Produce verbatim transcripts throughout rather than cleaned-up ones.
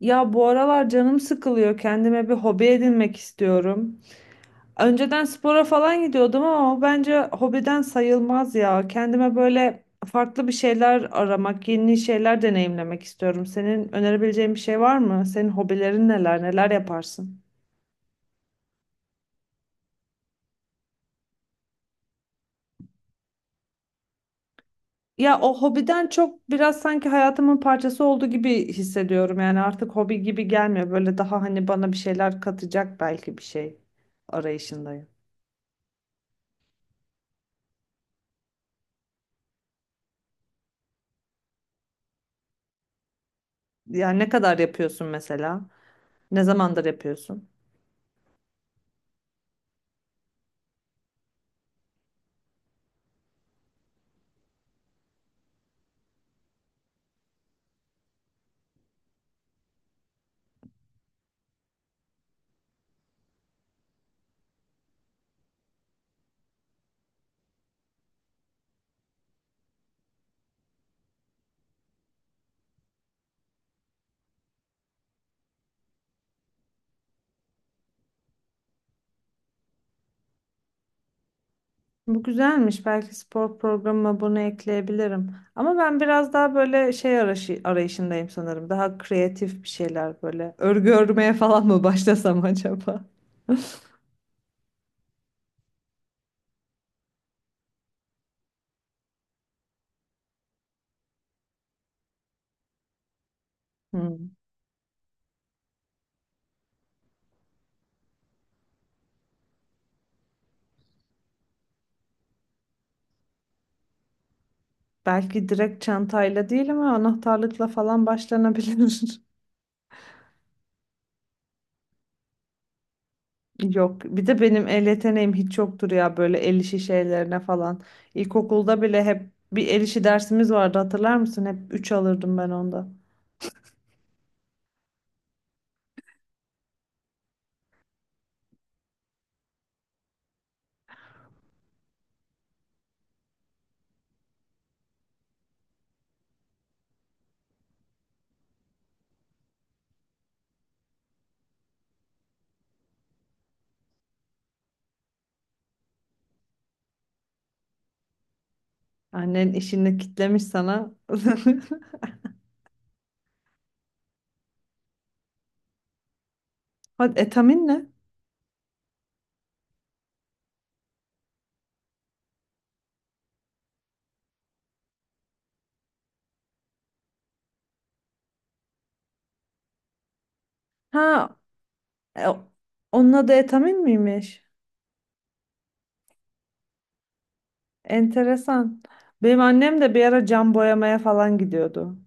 Ya bu aralar canım sıkılıyor. Kendime bir hobi edinmek istiyorum. Önceden spora falan gidiyordum ama o bence hobiden sayılmaz ya. Kendime böyle farklı bir şeyler aramak, yeni şeyler deneyimlemek istiyorum. Senin önerebileceğin bir şey var mı? Senin hobilerin neler, neler yaparsın? Ya o hobiden çok biraz sanki hayatımın parçası olduğu gibi hissediyorum. Yani artık hobi gibi gelmiyor. Böyle daha hani bana bir şeyler katacak belki bir şey arayışındayım. Yani ne kadar yapıyorsun mesela? Ne zamandır yapıyorsun? Bu güzelmiş. Belki spor programıma bunu ekleyebilirim. Ama ben biraz daha böyle şey arayışı, arayışındayım sanırım. Daha kreatif bir şeyler böyle. Örgü örmeye falan mı başlasam acaba? Hmm. Belki direkt çantayla değil ama anahtarlıkla falan başlanabilir. Yok. Bir de benim el yeteneğim hiç yoktur ya böyle el işi şeylerine falan. İlkokulda bile hep bir el işi dersimiz vardı hatırlar mısın? Hep üç alırdım ben onda. Annen işini kitlemiş sana. Hadi etamin ne? Ha, e, onun adı etamin miymiş? Enteresan. Benim annem de bir ara cam boyamaya falan gidiyordu.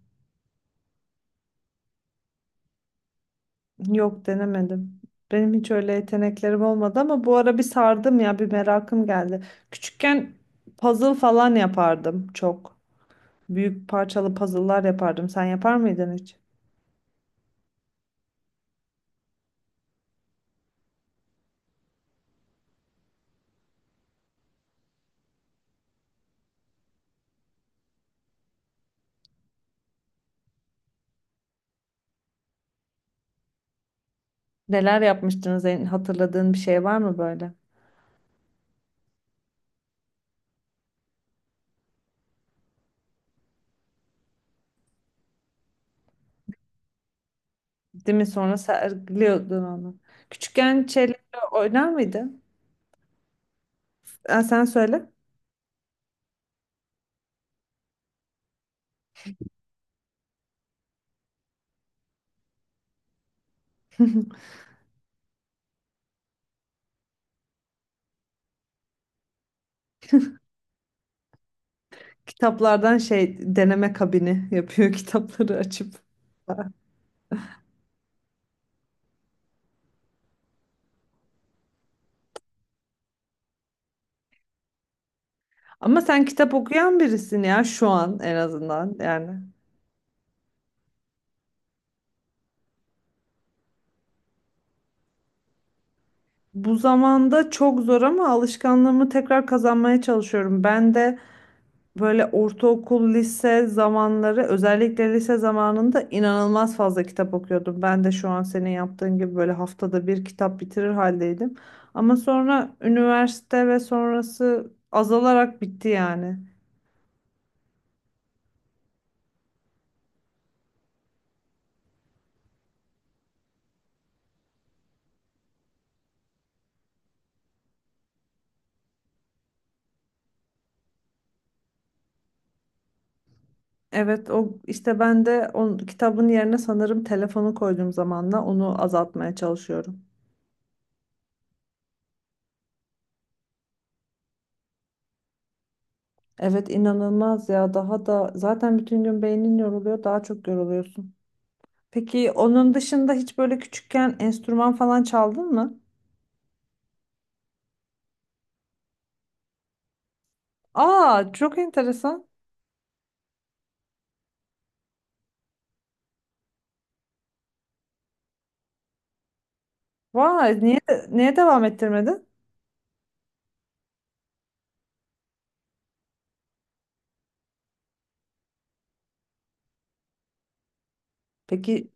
Yok denemedim. Benim hiç öyle yeteneklerim olmadı ama bu ara bir sardım ya bir merakım geldi. Küçükken puzzle falan yapardım çok. Büyük parçalı puzzle'lar yapardım. Sen yapar mıydın hiç? Neler yapmıştınız? En- Hatırladığın bir şey var mı böyle? Değil mi? Sonra sergiliyordun onu. Küçükken şeylerle oynar mıydın? Ha, sen söyle. Kitaplardan şey deneme kabini yapıyor kitapları açıp. Ama sen kitap okuyan birisin ya şu an en azından yani. Bu zamanda çok zor ama alışkanlığımı tekrar kazanmaya çalışıyorum. Ben de böyle ortaokul, lise zamanları özellikle lise zamanında inanılmaz fazla kitap okuyordum. Ben de şu an senin yaptığın gibi böyle haftada bir kitap bitirir haldeydim. Ama sonra üniversite ve sonrası azalarak bitti yani. Evet, o işte ben de o kitabın yerine sanırım telefonu koyduğum zamanla onu azaltmaya çalışıyorum. Evet, inanılmaz ya, daha da zaten bütün gün beynin yoruluyor, daha çok yoruluyorsun. Peki onun dışında hiç böyle küçükken enstrüman falan çaldın mı? Aa, çok enteresan. Vay, niye niye devam ettirmedin? Peki,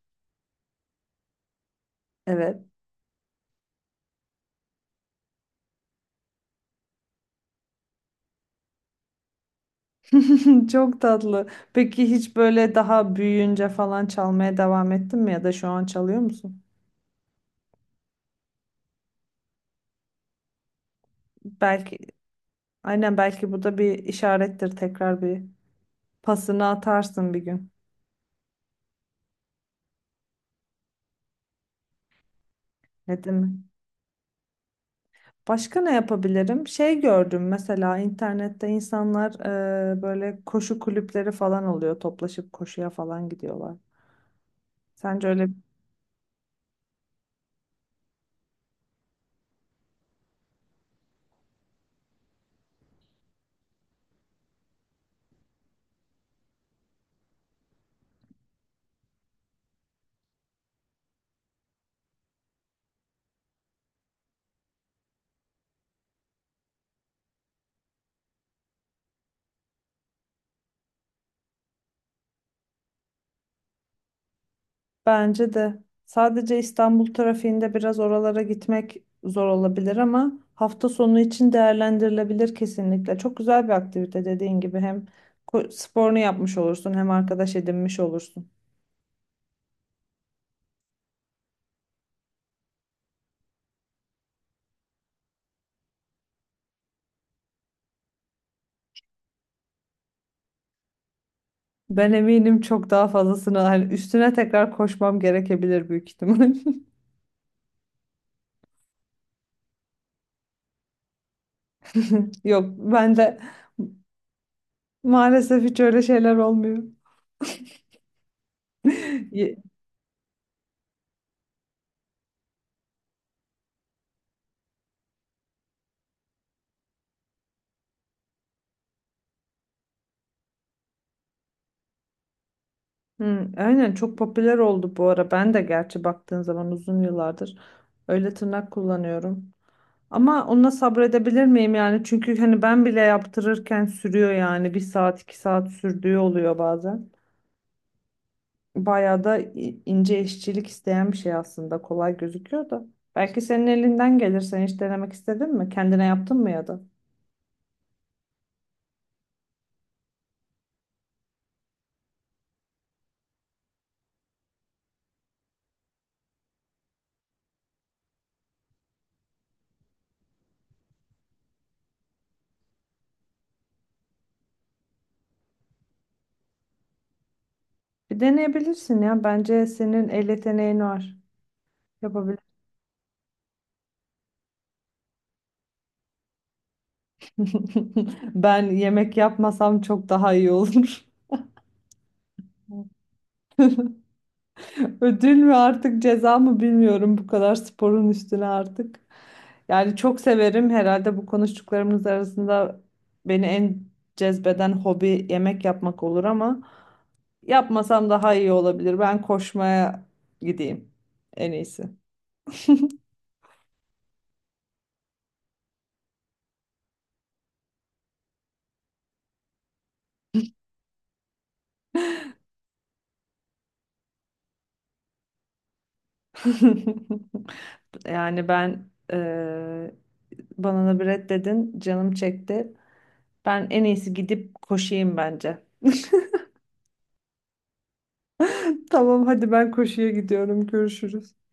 evet. Çok tatlı. Peki hiç böyle daha büyüyünce falan çalmaya devam ettin mi ya da şu an çalıyor musun? Belki, aynen, belki bu da bir işarettir. Tekrar bir pasını atarsın bir gün. Ne mi? Başka ne yapabilirim? Şey gördüm mesela internette insanlar e, böyle koşu kulüpleri falan oluyor. Toplaşıp koşuya falan gidiyorlar. Sence öyle? Bence de. Sadece İstanbul trafiğinde biraz oralara gitmek zor olabilir ama hafta sonu için değerlendirilebilir kesinlikle. Çok güzel bir aktivite dediğin gibi hem ko- sporunu yapmış olursun hem arkadaş edinmiş olursun. Ben eminim çok daha fazlasını hani üstüne tekrar koşmam gerekebilir büyük ihtimal. Yok, ben de maalesef hiç öyle şeyler olmuyor. Ye- Hı, aynen, çok popüler oldu bu ara. Ben de gerçi baktığın zaman uzun yıllardır öyle tırnak kullanıyorum. Ama ona sabredebilir miyim yani? Çünkü hani ben bile yaptırırken sürüyor yani. Bir saat, iki saat sürdüğü oluyor bazen. Bayağı da i- ince işçilik isteyen bir şey aslında. Kolay gözüküyor da. Belki senin elinden gelir. Sen hiç denemek istedin mi? Kendine yaptın mı ya da? Bir deneyebilirsin ya. Bence senin el yeteneğin var. Yapabilirsin. Ben yemek yapmasam çok daha iyi olur. Ödül mü artık ceza mı bilmiyorum bu kadar sporun üstüne artık. Yani çok severim herhalde. Bu konuştuklarımız arasında beni en cezbeden hobi yemek yapmak olur ama yapmasam daha iyi olabilir. Ben koşmaya gideyim en iyisi. Yani ben eee banana bread dedin, canım çekti. Ben en iyisi gidip koşayım bence. Tamam, hadi ben koşuya gidiyorum. Görüşürüz.